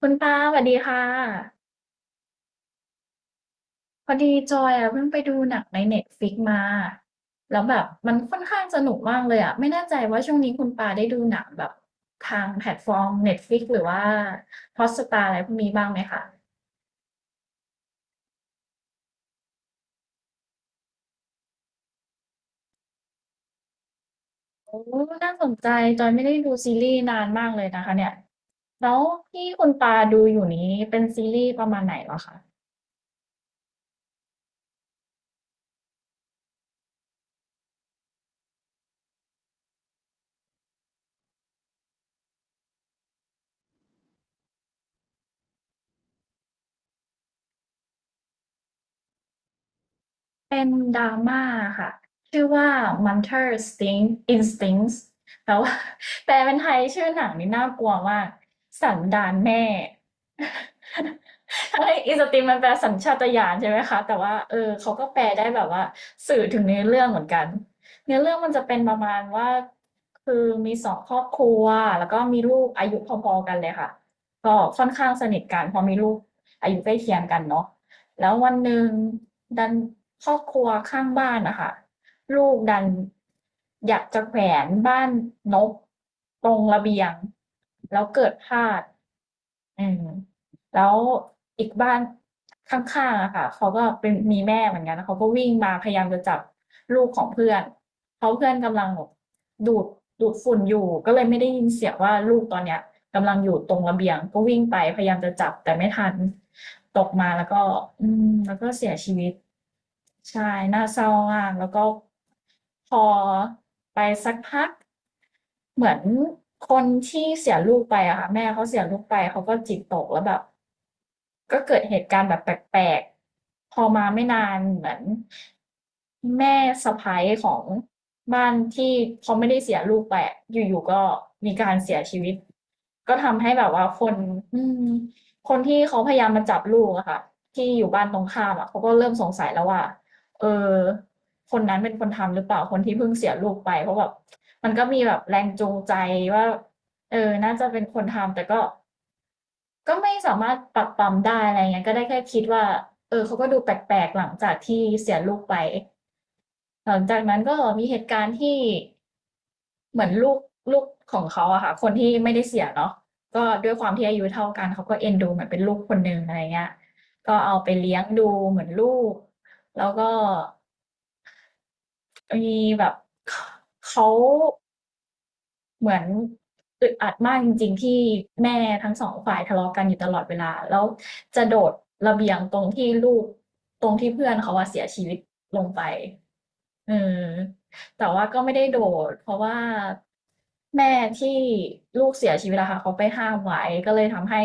คุณปาสวัสดีค่ะพอดีจอยอ่ะเพิ่งไปดูหนังในเน็ตฟ i ิกมาแล้วแบบมันค่อนข้างสนุกมากเลยอ่ะไม่แน่ใจว่าช่วงนี้คุณปาได้ดูหนังแบบทางแพลตฟอร์มเน็ตฟ i ิกหรือว่าฮอตสตาร์อะไรพวกนี้บ้างไหมคะโอ้น่าสนใจจอยไม่ได้ดูซีรีส์นานมากเลยนะคะเนี่ยแล้วที่คุณปาดูอยู่นี้เป็นซีรีส์ประมาณไหนเหรอคะ เป็นดราม่าค่ะชื่อว่า Munter Sting Instincts แต่ว่า แปลเป็นไทยชื่อหนังนี่น่ากลัวมากสันดานแม่ ทั้อินสติงมันแปลสัญชาตญาณใช่ไหมคะแต่ว่าเออเขาก็แปลได้แบบว่าสื่อถึงเนื้อเรื่องเหมือนกันเนื้อเรื่องมันจะเป็นประมาณว่าคือมีสองครอบครัวแล้วก็มีลูกอายุพอๆกันเลยค่ะก็ค่อนข้างสนิทกันเพอมีลูกอายุใกล้เคียงกันเนาะ แล้ววันหนึ่งดันครอบครัวข้างบ้านนะคะลูกดันอยากจะแขวนบ้านนกตรงระเบียงแล้วเกิดพลาด อืมแล้วอีกบ้านข้างๆอะค่ะเขาก็เป็นมีแม่เหมือนกันเขาก็วิ่งมาพยายามจะจับลูกของเพื่อนเพราะเพื่อนกำลังแบบดูดดูดฝุ่นอยู่ก็เลยไม่ได้ยินเสียงว่าลูกตอนเนี้ยกำลังอยู่ตรงระเบียงก็วิ่งไปพยายามจะจับแต่ไม่ทันตกมาแล้วก็อืมแล้วก็เสียชีวิตใช่น่าเศร้ามากแล้วก็พอไปสักพัก เหมือนคนที่เสียลูกไปอะค่ะแม่เขาเสียลูกไปเขาก็จิตตกแล้วแบบก็เกิดเหตุการณ์แบบแปลกๆพอมาไม่นานเหมือนแม่สะใภ้ของบ้านที่เขาไม่ได้เสียลูกไปอะอยู่ๆก็มีการเสียชีวิตก็ทำให้แบบว่าคนอืมคนที่เขาพยายามมาจับลูกอะค่ะที่อยู่บ้านตรงข้ามอะเขาก็เริ่มสงสัยแล้วว่าเออคนนั้นเป็นคนทำหรือเปล่าคนที่เพิ่งเสียลูกไปเพราะแบบ มันก็มีแบบแรงจูงใจว่าเออน่าจะเป็นคนทำแต่ก็ก็ไม่สามารถปรับปรำได้อะไรเงี้ยก็ได้แค่คิดว่าเออเขาก็ดูแปลกๆหลังจากที่เสียลูกไปหลังจากนั้นก็มีเหตุการณ์ที่เหมือนลูกของเขาอะค่ะคนที่ไม่ได้เสียเนาะก็ด้วยความที่อายุเท่ากันเขาก็เอ็นดูเหมือนเป็นลูกคนหนึ่งอะไรเงี้ยก็เอาไปเลี้ยงดูเหมือนลูกแล้วก็มีแบบเขา เหมือนอึดอัดมากจริงๆที่แม่ทั้งสองฝ่ายทะเลาะกันอยู่ตลอดเวลาแล้วจะโดดระเบียงตรงที่ลูกตรงที่เพื่อนเขาอะเสียชีวิตลงไปเออแต่ว่าก็ไม่ได้โดดเพราะว่าแม่ที่ลูกเสียชีวิตอะค่ะเขาไปห้ามไว้ก็เลยทำให้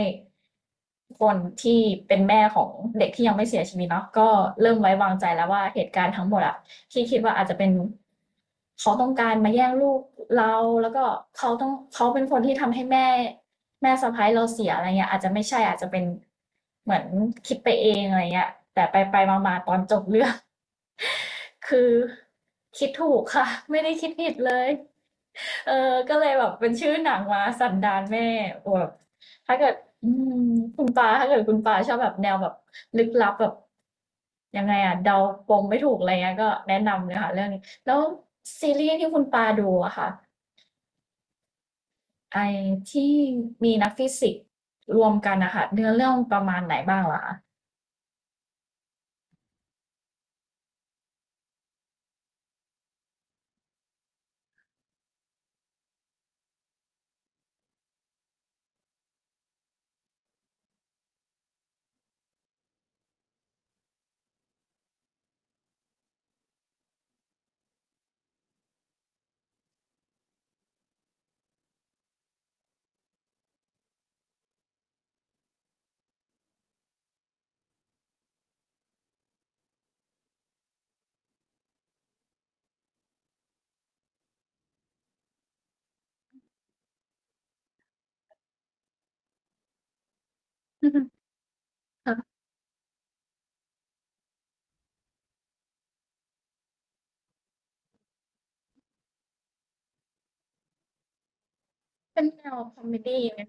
คนที่เป็นแม่ของเด็กที่ยังไม่เสียชีวิตเนาะก็เริ่มไว้วางใจแล้วว่าเหตุการณ์ทั้งหมดอะ ที่คิดว่าอาจจะเป็นเขาต้องการมาแย่งลูกเราแล้วก็เขาต้องเขาเป็นคนที่ทำให้แม่สะพ้ายเราเสียอะไรเงี้ยอาจจะไม่ใช่อาจจะเป็นเหมือนคิดไปเองอะไรเงี้ยแต่ไปไปมาๆตอนจบเรื่อง คือคิดถูกค่ะ ไม่ได้คิดผิดเลยเออก็เลยแบบเป็นชื่อหนังมาสันดานแม่แบบถ้าเกิดอืมคุณปาถ้าเกิดคุณปาชอบแบบแนวแบบลึกลับแบบยังไงอะเดาปมไม่ถูกอะไรเงี้ยก็แนะนำเลยค่ะเรื่องนี้แล้วซีรีส์ที่คุณปาดูอะค่ะไอที่มีนักฟิสิกส์รวมกันนะคะเนื้อเรื่องประมาณไหนบ้างล่ะคะ เป็นแนวคอมเมดี้ไหม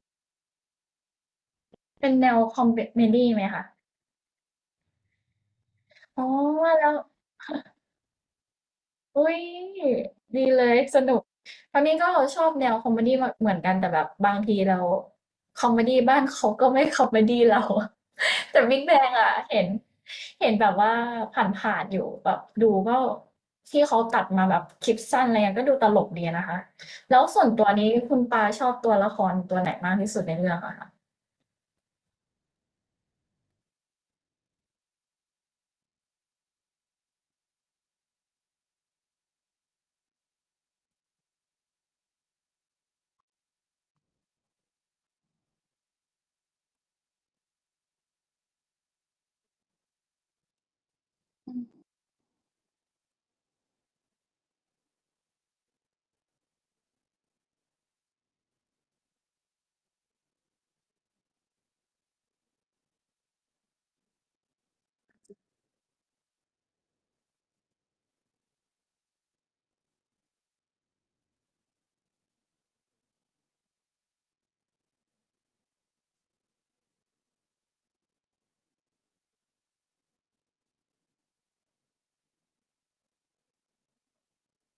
เป็นแนวคอมเมดี้ไหมคะ อ๋อว่าแล้ว อุ้ยดีเลยสนุกทางนี้ก็ชอบแนวคอมเมดี้เหมือนกันแต่แบบบางทีเราคอมเมดี้บ้านเขาก็ไม่คอมเมดี้เรา แต่ Big Bang อ่ะเห็นเห็นแบบว่าผ่านๆอยู่แบบดูก็ที่เขาตัดมาแบบคลิปสั้นอะไรเงี้ยก็ดูตลกดีนะคะแล้วส่วนตัวนี้คุณปาชอบตัวละครตัวไหนมากที่สุดในเรื่องอะคะ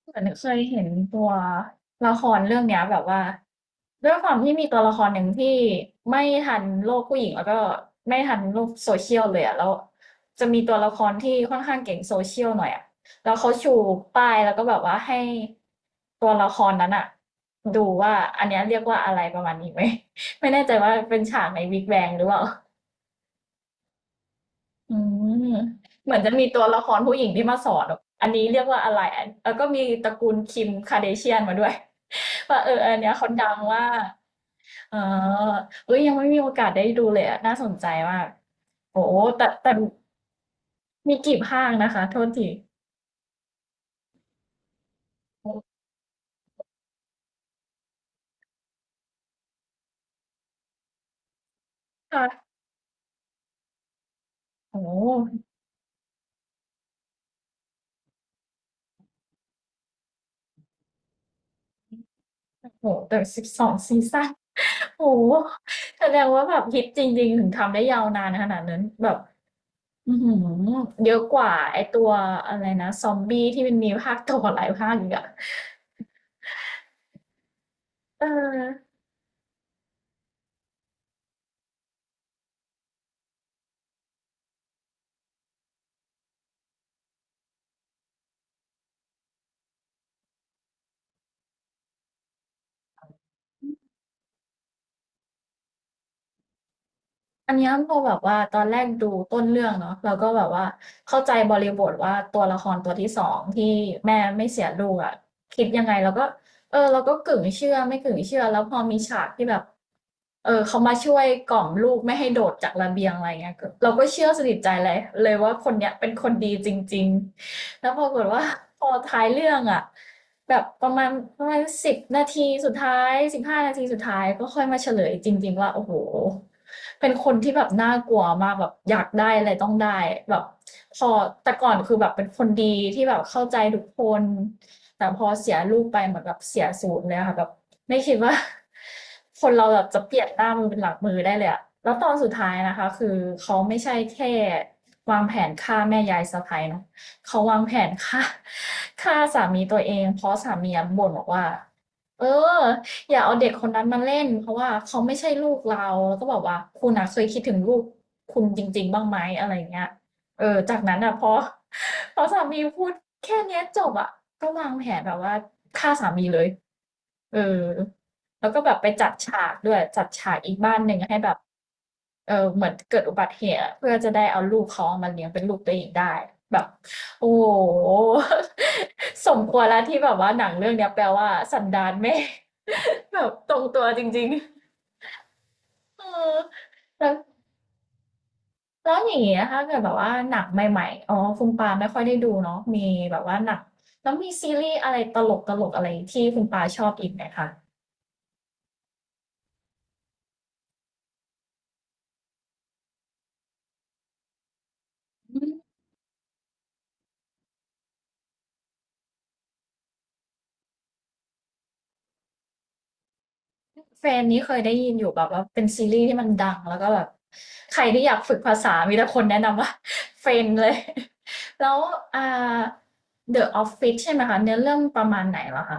เหมือนเคยเห็นตัวละครเรื่องเนี้ยแบบว่าด้วยความที่มีตัวละครหนึ่งที่ไม่ทันโลกผู้หญิงแล้วก็ไม่ทันโลกโซเชียลเลยอะแล้วจะมีตัวละครที่ค่อนข้างเก่งโซเชียลหน่อยอะแล้วเขาชูป้ายแล้วก็แบบว่าให้ตัวละครนั้นอะดูว่าอันเนี้ยเรียกว่าอะไรประมาณนี้ไหม ไม่แน่ใจว่าเป็นฉากในวิกแบงหรือเปล่า อืมเหมือนจะมีตัวละครผู้หญิงที่มาสอนแบบอันนี้เรียกว่าอะไรอันแล้วก็มีตระกูลคิมคาเดเชียนมาด้วย ว่าเอออันเนี้ยเขาดังว่าเออเอ้ยยังไม่มีโอกาสได้ดูเลยอะน่าสนใจมากโอ้แต่มีกี่ภาคนะคะโทษทีโอ้ค่ะโอ้โหแต่12 ซีซั่นโอ้โหแสดงว่าแบบฮิตจริงๆถึงทำได้ยาวนานขนาดนั้นแบบ อือหือเยอะกว่าไอตัวอะไรนะซอมบี้ที่มันมีภาคต่อหลายภาคอีกอะเอออันเนี้ยพอแบบว่าตอนแรกดูต้นเรื่องเนาะเราก็แบบว่าเข้าใจบริบทว่าตัวละครตัวที่สองที่แม่ไม่เสียลูกอะคิดยังไงเราก็เออเราก็กึ่งเชื่อไม่กึ่งเชื่อแล้วพอมีฉากที่แบบเออเขามาช่วยกล่อมลูกไม่ให้โดดจากระเบียงอะไรเงี้ยก็เราก็เชื่อสนิทใจเลยว่าคนเนี้ยเป็นคนดีจริงๆ แล้วปรากฏว่า พอท้ายเรื่องอะแบบประมาณ10 นาทีสุดท้าย15 นาทีสุดท้ายก็ค่อยมาเฉลยจริงๆว่าโอ้โหเป็นคนที่แบบน่ากลัวมากแบบอยากได้อะไรต้องได้แบบพอแต่ก่อนคือแบบเป็นคนดีที่แบบเข้าใจทุกคนแต่พอเสียลูกไปเหมือนแบบเสียศูนย์เลยอะค่ะแบบไม่คิดว่า คนเราแบบจะเปลี่ยนหน้ามือเป็นหลังมือได้เลยอะแล้วตอนสุดท้ายนะคะคือเขาไม่ใช่แค่วางแผนฆ่าแม่ยายสะใภ้เนาะ เขาวางแผนฆ่า ฆ่าสามีตัวเองเพราะสามีบ่นบอกว่าเอออย่าเอาเด็กคนนั้นมาเล่นเพราะว่าเขาไม่ใช่ลูกเราแล้วก็บอกว่าคุณอะเคยคิดถึงลูกคุณจริงๆบ้างไหมอะไราเงี้ยเออจากนั้นอะพอ พอสามีพูดแค่นี้จบอะก็วางแผนแบบว่าฆ่าสามีเลยเออแล้วก็แบบไปจัดฉากด้วยจัดฉากอีกบ้านหนึ่งให้แบบเออเหมือนเกิดอุบัติเหตุอะเพื่อจะได้เอาลูกเขาามาเลี้ยงเป็นลูกตัวเองได้แบบ โอ้โห สมควรแล้วที่แบบว่าหนังเรื่องเนี้ยแปลว่าสันดานแม่ แบบตรงตัวจริงๆเออแล้วแล้วอย่างเงี้ยถ้าเกิดแบบว่าหนังใหม่ๆอ๋อคุณปาไม่ค่อยได้ดูเนาะมีแบบว่าหนังแล้วมีซีรีส์อะไรตลกตลกอะไรที่คุณปาชอบอีกไหมคะ เฟรนนี้เคยได้ยินอยู่แบบว่าเป็นซีรีส์ที่มันดังแล้วก็แบบใครที่อยากฝึกภาษามีแต่คนแนะนำว่า เฟรนเลย แล้วอ่า The Office ใช่ไหมคะเนื้อเรื่องประมาณไหนล่ะคะ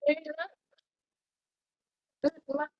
เนื้อเรื่องลึกมาก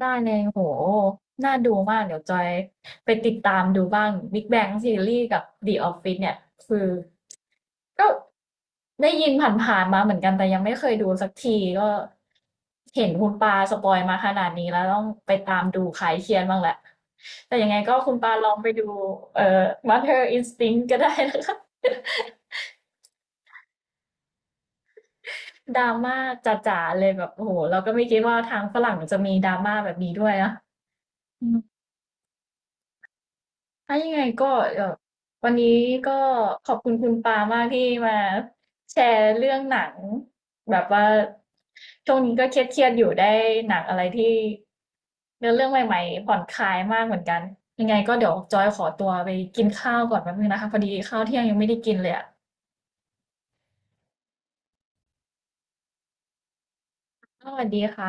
ได้เลยโหน่าดูมากเดี๋ยวจอยไปติดตามดูบ้าง Big Bang Theory กับ The Office เนี่ยคือ ก็ได้ยินผ่านๆมาเหมือนกันแต่ยังไม่เคยดูสักทีก็เห็นคุณปาสปอยมาขนาดนี้แล้วต้องไปตามดูคลายเครียดบ้างแหละแต่ยังไงก็คุณปาลองไปดูเอ่อ Mother Instinct ก็ได้นะคะ ดราม่าจ๋าๆเลยแบบโอ้โหเราก็ไม่คิดว่าทางฝรั่งจะมีดราม่าแบบนี้ด้วยนะอืม ถ้ายังไงก็เอ่อวันนี้ก็ขอบคุณคุณปามากที่มาแชร์เรื่องหนังแบบว่าช่วงนี้ก็เครียดๆอยู่ได้หนังอะไรที่เนื้อเรื่องใหม่ๆผ่อนคลายมากเหมือนกันยังไงก็เดี๋ยวจอยขอตัวไปกินข้าวก่อนแป๊บนึงนะคะพอดีข้าวเที่ยงยังไม่ได้กินเลยอ่ะสวัสดีค่ะ